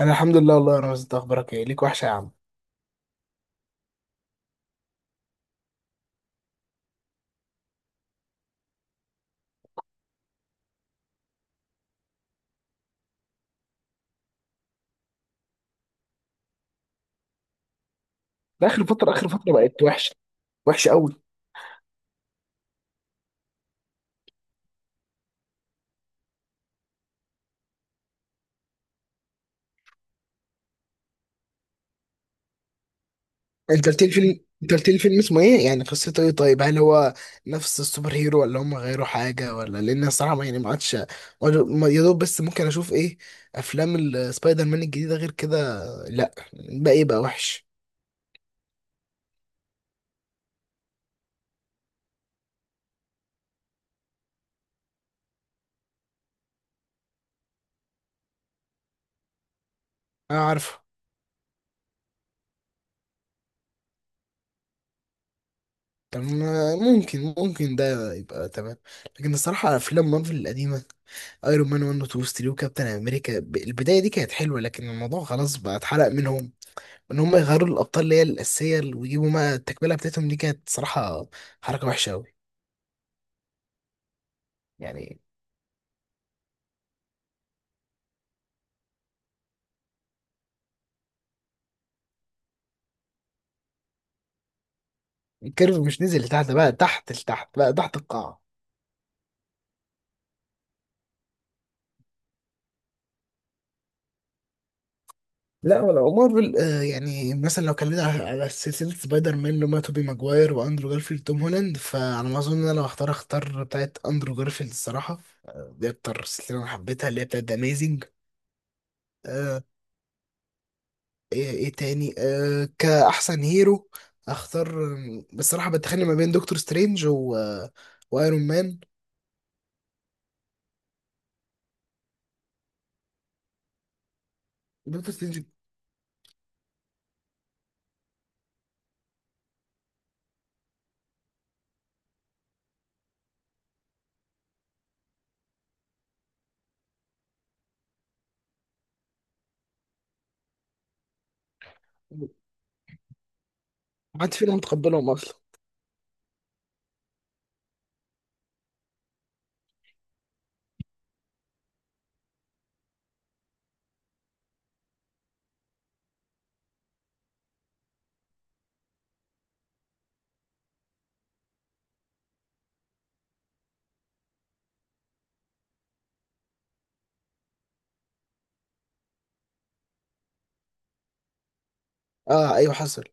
انا الحمد لله والله يا رامز، انت اخبارك ايه؟ ليك وحشه يا عم. ده اخر فتره، اخر فتره بقت وحشه، وحشه قوي. انت قلت لي فيلم، انت قلت لي فيلم اسمه ايه، يعني قصته ايه؟ طيب، هل هو نفس السوبر هيرو ولا هم غيروا حاجه؟ ولا لان الصراحه ما عادش، يا دوب بس ممكن اشوف ايه، افلام السبايدر مان الجديده غير كده. لا بقى، ايه بقى وحش. انا عارف. طب، ممكن ده يبقى تمام. لكن الصراحة أفلام مارفل القديمة ايرون مان 1 و 2 ستيل وكابتن امريكا البدايه دي كانت حلوه، لكن الموضوع خلاص بقى اتحرق منهم. ان هم يغيروا الابطال اللي هي الاساسيه ويجيبوا ما التكمله بتاعتهم، دي كانت صراحه حركه وحشه قوي. يعني الكيرف مش نزل لتحت، بقى تحت لتحت، بقى تحت القاع. لا، ولو مارفل، يعني مثلا لو كلمنا على سلسلة سبايدر مان اللي هما توبي ماجواير واندرو جارفيلد توم هولاند، فعلى ما اظن انا لو اختار بتاعت اندرو جارفيلد الصراحة. دي اكتر سلسلة انا حبيتها اللي هي بتاعت ذا اميزنج. آه، ايه تاني، كأحسن هيرو اختار، بصراحة بتخانق ما بين دكتور سترينج و... آه، وايرون مان. دكتور سترينج. محدش فينا متقبلهم اصلا. اه، ايوه، حصل.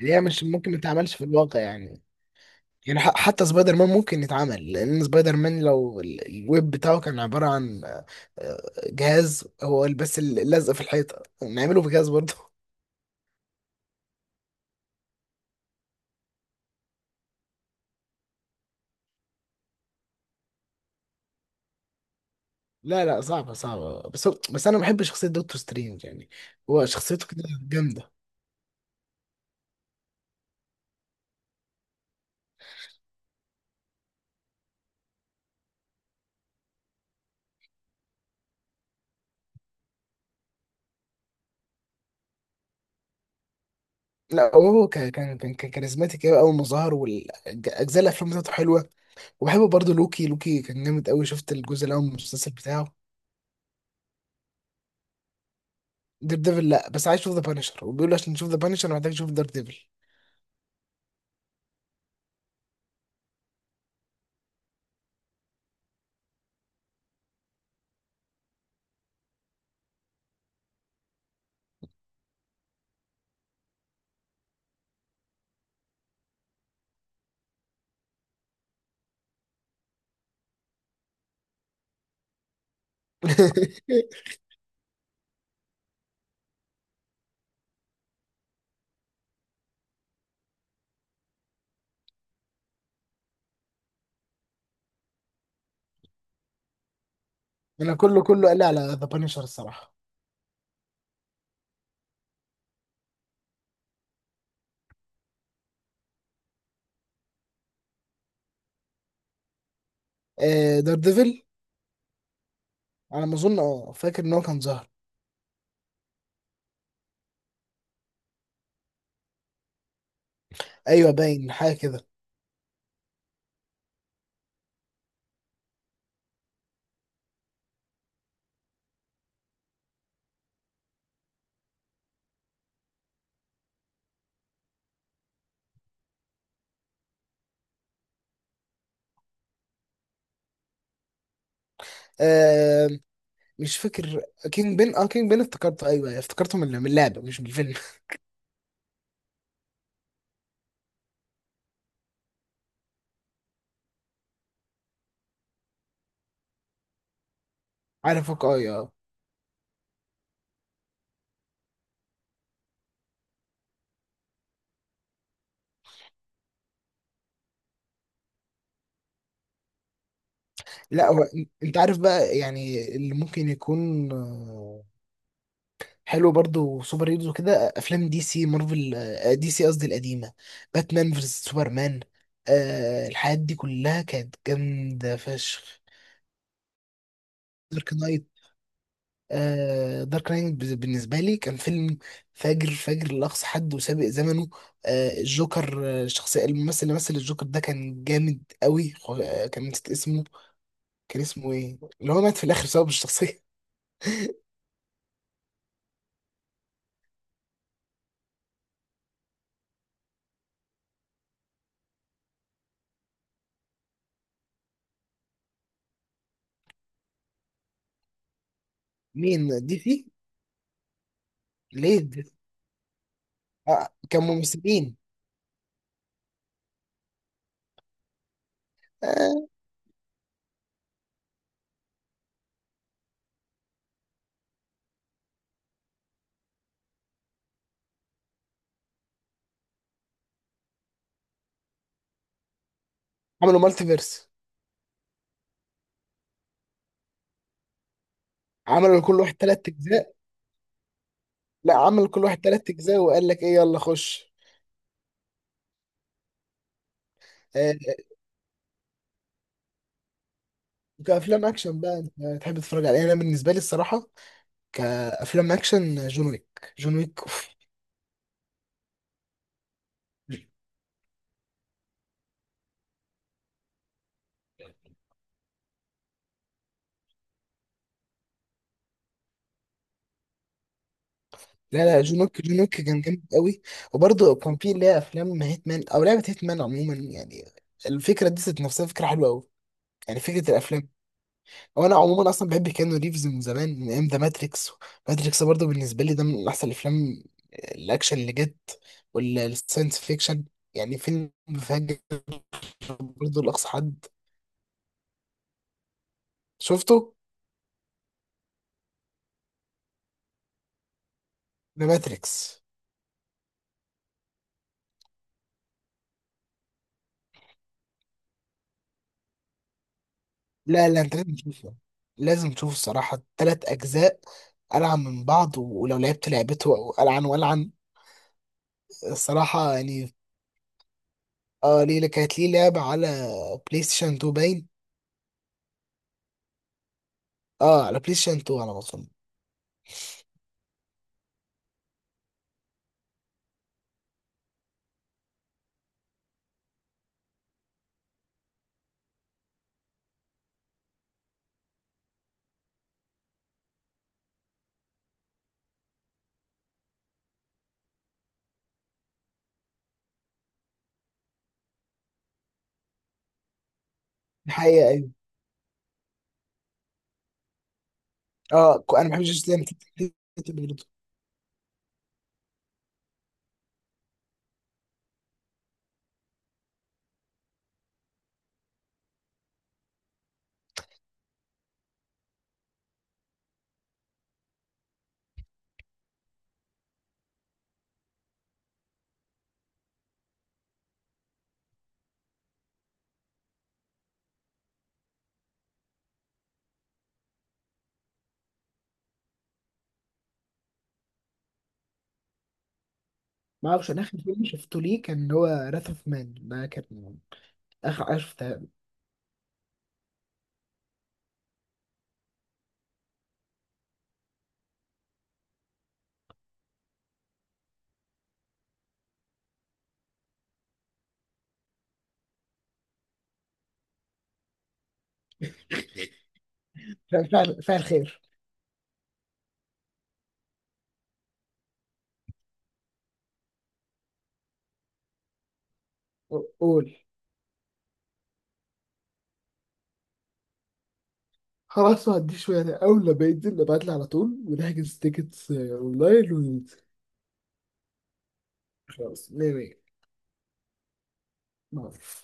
اللي هي مش ممكن ما تعملش في الواقع يعني. يعني حتى سبايدر مان ممكن يتعمل، لان سبايدر مان لو الويب بتاعه كان عبارة عن آه، جهاز، هو بس اللزق في الحيطة نعمله بجهاز برضه. لا لا، صعبة صعبة، بس انا بحب شخصية دكتور سترينج، يعني هو شخصيته كده جامدة. لا، هو كان كاريزماتيك قوي اول ما ظهر، والاجزاء الافلام بتاعته حلوة. وبحب برضه لوكي، لوكي كان جامد قوي، شفت الجزء الاول من المسلسل بتاعه؟ دير ديفل، لا، بس عايز اشوف ذا بانشر، وبيقولوا عشان نشوف ذا بانشر محتاج نشوف دير ديفل. انا كله كله قال لي على ذا بانيشر الصراحه. آه، دار ديفل، على ما اظن، اه، فاكر ان هو كان ظاهر. ايوه، باين حاجه كده. آه، مش فاكر. كينج بين، اه، كينج بين افتكرته، ايوه، أيوة، افتكرته من اللعبه مش من الفيلم. عارفك اه يا. لا، انت عارف بقى، يعني اللي ممكن يكون حلو برضو سوبر هيروز وكده، افلام دي سي، مارفل، دي سي قصدي، القديمه، باتمان فيرس سوبرمان. آه، الحاجات دي كلها كانت جامده فشخ. دارك نايت. آه، دارك نايت بالنسبة لي كان فيلم فاجر، فاجر لأقصى حد وسابق زمنه. آه، الجوكر، الشخصية الممثل اللي مثل الجوكر ده كان جامد قوي، كان، نسيت اسمه. كان اسمه ايه اللي هو مات في الآخر بسبب الشخصية؟ مين، دي سي؟ ليه دي؟ آه، كان ممثلين. آه. عملوا مالتيفيرس. عملوا لكل واحد تلات أجزاء. لا، عمل لكل واحد تلات أجزاء وقال لك ايه، يلا خش. آه. كأفلام أكشن بقى، أنت تحب تتفرج على إيه؟ أنا بالنسبة لي الصراحة، كافلام اكشن، جون ويك، جون ويك أوف. لا لا، جون ويك، جون ويك كان جامد قوي. وبرضه كان في اللي هي افلام هيتمان او لعبه هيتمان عموما، يعني الفكره دي ذات نفسها فكره حلوه قوي، يعني فكره الافلام. هو انا عموما اصلا بحب كيانو ريفز من زمان، من ايام ذا ماتريكس. ماتريكس برضه بالنسبه لي ده من احسن الافلام، الاكشن اللي جت، والساينس فيكشن، يعني فيلم فاجر، برضه لاقصى حد. شفته؟ ذا ماتريكس. لا لا، انت لازم تشوفه، لازم تشوف الصراحة تلات أجزاء ألعن من بعض، ولو لعبت لعبته أو ألعن وألعن. الصراحة يعني. اه، ليه كانت ليه لعبة على بلاي ستيشن 2، باين. اه، على بلاي ستيشن 2 على ما أظن. الحقيقة أيوة. اه، أنا ما بحبش جيسلام. ما اعرفش، انا اخر فيلم شفته ليه كان هو راث اوف مان، ده كان اخر حاجه شفتها. فعل فعل خير. قول. خلاص، ما عنديش مانع، اول لما ينزل ابعت لي على طول، ونحجز تيكتس اونلاين وننزل. خلاص، مية مية. مع